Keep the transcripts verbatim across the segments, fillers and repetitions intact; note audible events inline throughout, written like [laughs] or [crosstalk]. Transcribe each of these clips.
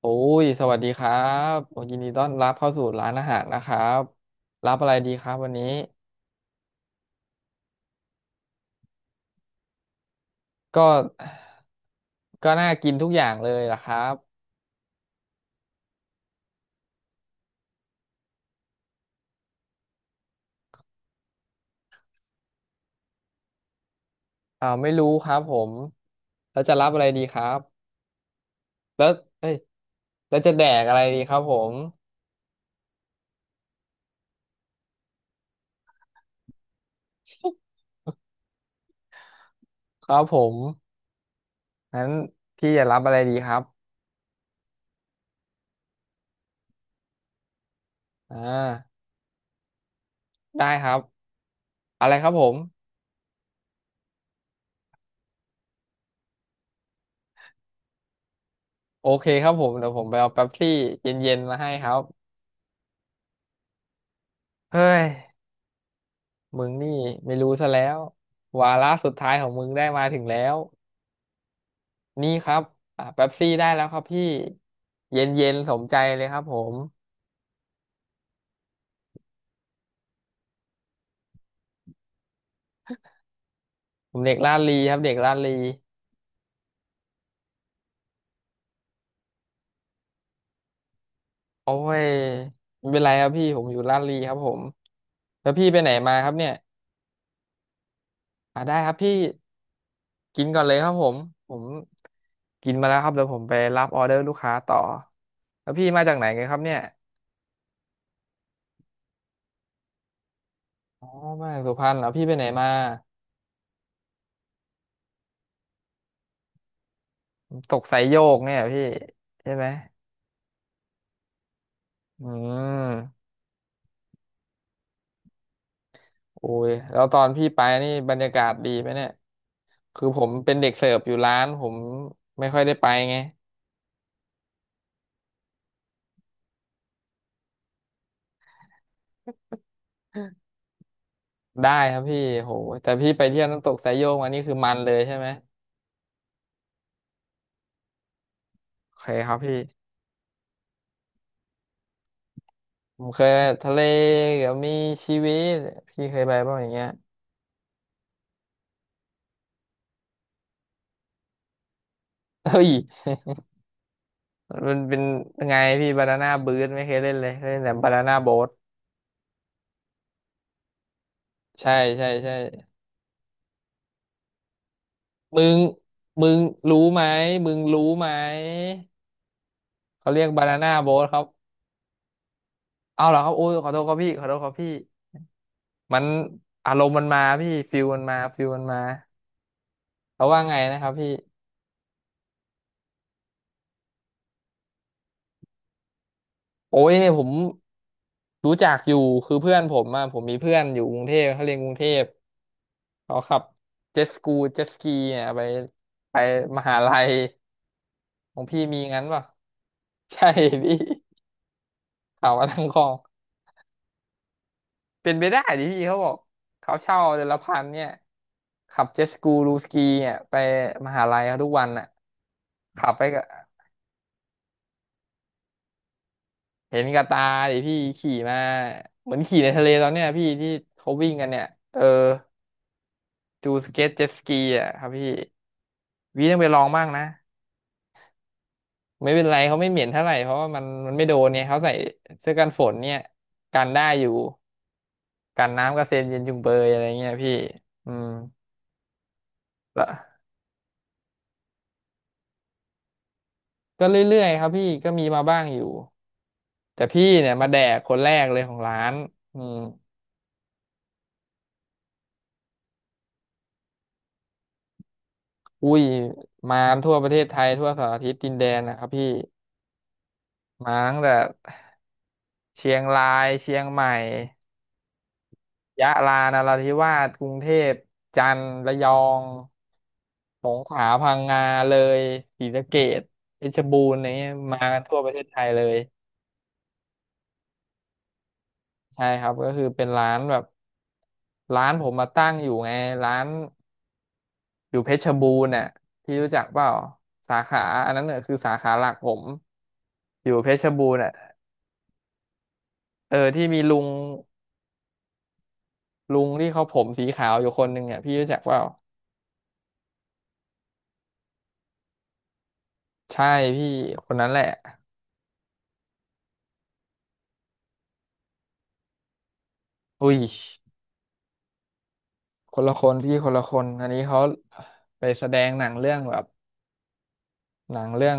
โอ้ยสวัสดีครับโอ้ยินดีต้อนรับเข้าสู่ร้านอาหารนะครับรับอะไรดีครับวันนี้ก็ก็น่ากินทุกอย่างเลยล่ะครับอ่าไม่รู้ครับผมแล้วจะรับอะไรดีครับแล้วเอ้ยแล้วจะแดกอะไรดีครับผมครับผมงั้นพี่จะรับอะไรดีครับอ่าได้ครับอะไรครับผมโอเคครับผมเดี๋ยวผมไปเอาเป๊ปซี่เย็นๆมาให้ครับเฮ้ย มึงนี่ไม่รู้ซะแล้ววาระสุดท้ายของมึงได้มาถึงแล้วนี่ครับอ่าเป๊ปซี่ได้แล้วครับพี่เย็นเย็นสมใจเลยครับผมผมเด็กลาดลีครับเด็กลาดลีโอ้ยไม่เป็นไรครับพี่ผมอยู่ลาดลีครับผมแล้วพี่ไปไหนมาครับเนี่ยอ่าได้ครับพี่กินก่อนเลยครับผมผมกินมาแล้วครับเดี๋ยวผมไปรับออเดอร์ลูกค้าต่อแล้วพี่มาจากไหนกันครับเนี่ยอ๋อมาจากสุพรรณเหรอพี่ไปไหนมาตกสายโยกเนี่ยเหรอพี่ใช่ไหม อืมโอ้ยแล้วตอนพี่ไปนี่บรรยากาศดีไหมเนี่ยคือผมเป็นเด็กเสิร์ฟอยู่ร้านผมไม่ค่อยได้ไปไงได้ครับพี่โหแต่พี่ไปเที่ยวน้ำตกสายโยกมานี่คือมันเลยใช่ไหมโอเคครับพี่ผมเคยทะเลกับมีชีวิตพี่เคยไปบ้างอย่างเงี้ยเฮ้ยมันเป็นไงพี่บานาน่าบ๊ทไม่เคยเล่นเลยเคยเล่นแต่บานาน่าโบ๊ทใช่ใช่ใช่มึงมึงรู้ไหมมึงรู้ไหมเขาเรียกบานาน่าโบ๊ทครับ เอาเหรอครับโอ้ยขอโทษครับพี่ขอโทษครับพี่มันอารมณ์มันมาพี่ฟิลมันมาฟิลมันมาแล้วว่าไงนะครับพี่โอ้ยเนี่ยผมรู้จักอยู่คือเพื่อนผมอะผมมีเพื่อนอยู่กรุงเทพเขาเรียนกรุงเทพเขาขับเจ็ตสกูเจ็ตสกีเนี่ยไปไปมหาลัยของพี่มีงั้นป่ะใช่พี่ [laughs] เขามาทั้งกองเป็นไปได้ดิพี่เขาบอกเขาเช่าเดือนละพันเนี่ยขับเจ็ตสกูรูสกีเนี่ยไปมหาลัยเขาทุกวันอ่ะขับไปกับ เห็นกับตาดิพี่ขี่มาเหมือนขี่ในทะเลตอนเนี้ยพี่ที่เขาวิ่งกันเนี่ยเออดูสเก็ตเจ็ตสกีอ่ะครับพี่วีต้องไปลองบ้างนะไม่เป็นไรเขาไม่เหม็นเท่าไหร่เพราะว่ามันมันไม่โดนเนี่ยเขาใส่เสื้อกันฝนเนี่ยกันได้อยู่กันน้ำกระเซ็นเย็นจุงเบยอะไรเงี้ยพี่อืมแล้วก็เรื่อยๆครับพี่ก็มีมาบ้างอยู่แต่พี่เนี่ยมาแดกคนแรกเลยของร้านอืมอุ้ยมาทั่วประเทศไทยทั่วสารทิศดินแดนนะครับพี่มาตั้งแต่ เชียงรายเชียงใหม่ยะลานราธิวาสกรุงเทพจันทร์ระยองสงขลาพังงาเลยศรีสะเกษเพชรบูรณ์อะไรเงี้ยมากันทั่วประเทศไทยเลยใช่ครับก็คือเป็นร้านแบบร้านผมมาตั้งอยู่ไงร้านอยู่เพชรบูรณ์น่ะพี่รู้จักเปล่าสาขาอันนั้นเนี่ยคือสาขาหลักผมอยู่เพชรบูรณ์น่ะเออที่มีลุงลุงที่เขาผมสีขาวอยู่คนหนึ่งอ่ะพี่รู้จักเปล่าใช่พี่คนนั้นแหละอุ้ย คนละคนพี่คนละคนอันนี้เขาไปแสดงหนังเรื่องแบบหนังเรื่อง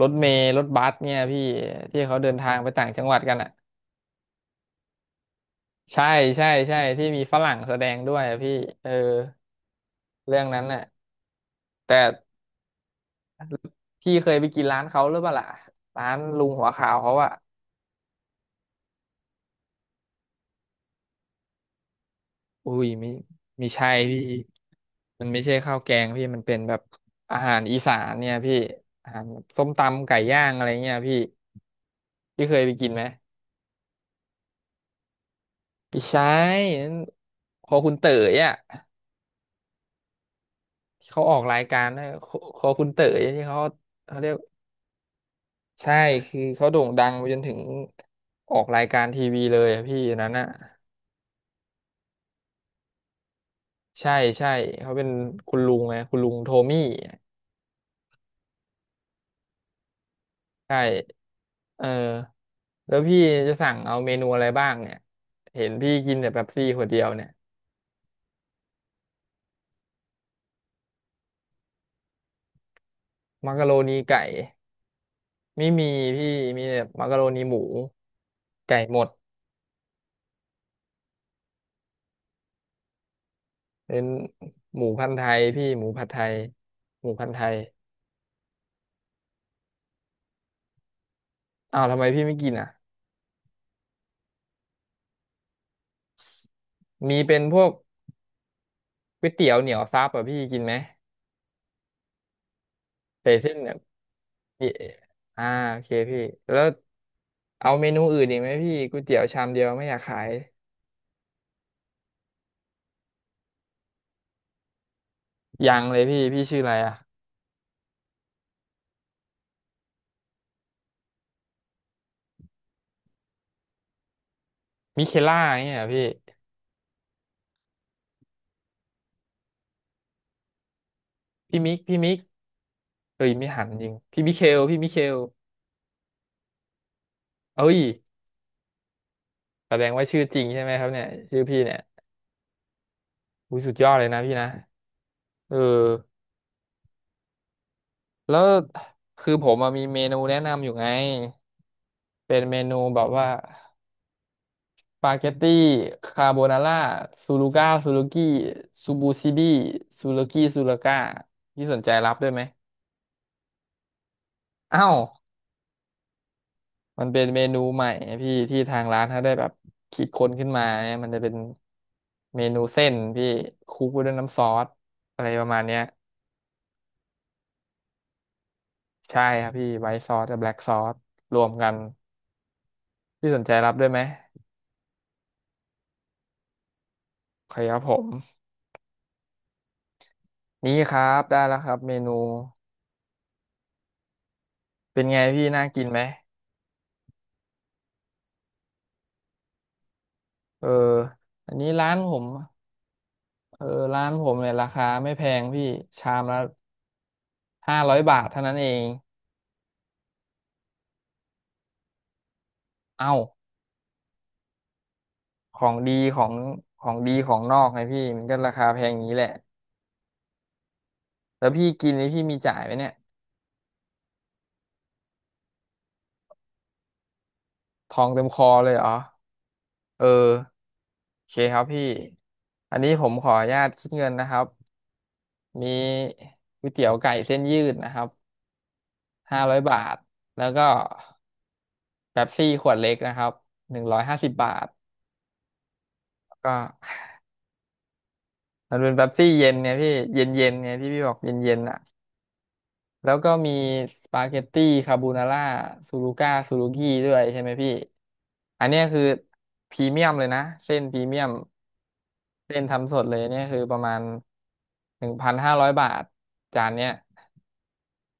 รถเมล์รถบัสเนี่ยพี่ที่เขาเดินทางไปต่างจังหวัดกันอ่ะใช่ใช่ใช่ที่มีฝรั่งแสดงด้วยอะพี่เออเรื่องนั้นน่ะแต่พี่เคยไปกินร้านเขาหรือเปล่าล่ะร้านลุงหัวขาวเขาอ่ะอุ้ยไม่ไม่ใช่พี่มันไม่ใช่ข้าวแกงพี่มันเป็นแบบอาหารอีสานเนี่ยพี่อาหารแบบส้มตำไก่ย่างอะไรเงี้ยพี่พี่เคยไปกินไหม ไม่ใช่นันคอคุณเต๋ยอ่ะที่เขาออกรายการนะคอคอคุณเต๋ยที่เขาเขาเรียก ใช่คือเขาโด่งดังไปจนถึงออกรายการทีวีเลยอะพี่อันนั้นอ่ะใช่ใช่เขาเป็นคุณลุงไงคุณลุงโทมี่ ใช่ เออ แล้วพี่จะสั่งเอาเมนูอะไรบ้างเนี่ย เห็นพี่กินแต่เป๊ปซี่ขวดเดียวเนี่ยมักกะโรนีไก่ไม่มีพี่ มีแต่มักกะโรนีหมู ไก่หมด เป็นหมูพันธุ์ไทยพี่หมูผัดไทยหมูพันธุ์ไทยอ้าวทำไมพี่ไม่กินอ่ะมีเป็นพวกก๋วยเตี๋ยวเหนียวซับอ่ะพี่กินไหมใส่เส้นเนี่ยพี่อ่าโอเคพี่แล้วเอาเมนูอื่นอีกไหมพี่ก๋วยเตี๋ยวชามเดียวไม่อยากขายยังเลยพี่พี่ชื่ออะไรอ่ะมิเคล่าอย่างเงี้ยเหรอพี่พี่มิกพี่มิกเอ้ยไม่หันจริงพี่มิเคลพี่มิเคลเอ้ยแสดงว่าชื่อจริงใช่ไหมครับเนี่ยชื่อพี่เนี่ยอุ้ยสุดยอดเลยนะพี่นะเออ แล้วคือผมอะมีเมนูแนะนำอยู่ไงเป็นเมนูแบบว่าสปาเกตตี้คาโบนาร่าซูลูก้าซูลูกี้ซูบูซิดี้ซูลูกี้ซูลูก้าพี่สนใจรับด้วยไหมเอ้าวมันเป็นเมนูใหม่พี่ที่ทางร้านเขาได้แบบคิดค้นขึ้นมาเนี่ยมันจะเป็นเมนูเส้นพี่คลุกไว้ด้วยน้ำซอสอะไรประมาณเนี้ยใช่ครับพี่ไวท์ซอสกับแบล็กซอสรวมกันพี่สนใจรับด้วยไหมโอเคครับผม นี่ครับได้แล้วครับเมนูเป็นไงพี่น่ากินไหมเอออันนี้ร้านผมเออร้านผมเนี่ยราคาไม่แพงพี่ชามละห้าร้อยบาทเท่านั้นเองเอ้าของดีของของดีของนอกไงพี่มันก็ราคาแพงอย่างนี้แหละแล้วพี่กินนี่พี่มีจ่ายไหมเนี่ยทองเต็มคอเลยเหรอเออโอเคครับพี่อันนี้ผมขออนุญาตคิดเงินนะครับมีก๋วยเตี๋ยวไก่เส้นยืดนะครับห้าร้อยบาทแล้วก็ เป๊ปซี่ขวดเล็กนะครับหนึ่งร้อยห้าสิบบาทแล้วก็มันเป็นเป๊ปซี่เย็นไงพี่เย็นเย็นไงที่พี่บอกเย็นเย็นอ่ะแล้วก็มีสปาเกตตี้คาโบนาร่าซูรุก้าซูรุกี้ด้วยใช่ไหมพี่ อันเนี้ยคือพรีเมียมเลยนะเส้นพรีเมียมเส้นทำสดเลยเนี่ยคือประมาณหนึ่งพันห้าร้อยบาทจานเนี้ย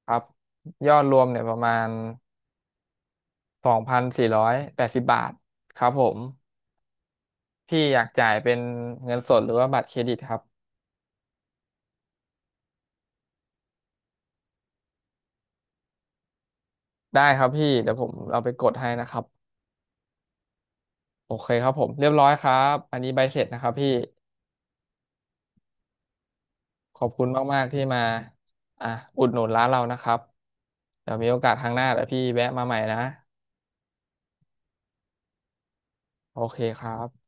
ครับยอดรวมเนี่ยประมาณสองพันสี่ร้อยแปดสิบบาทครับผมพี่อยากจ่ายเป็นเงินสดหรือว่าบัตรเครดิตครับ ได้ครับพี่เดี๋ยวผมเอาไปกดให้นะครับโอเคครับผมเรียบร้อยครับอันนี้ใบเสร็จนะครับพี่ขอบคุณมากๆที่มาอ่ะอุดหนุนร้านเรานะครับเดี๋ยวมีโอกาสครั้งหน้าเดี๋ยวพี่แวะมาใหม่นะโอเคครับ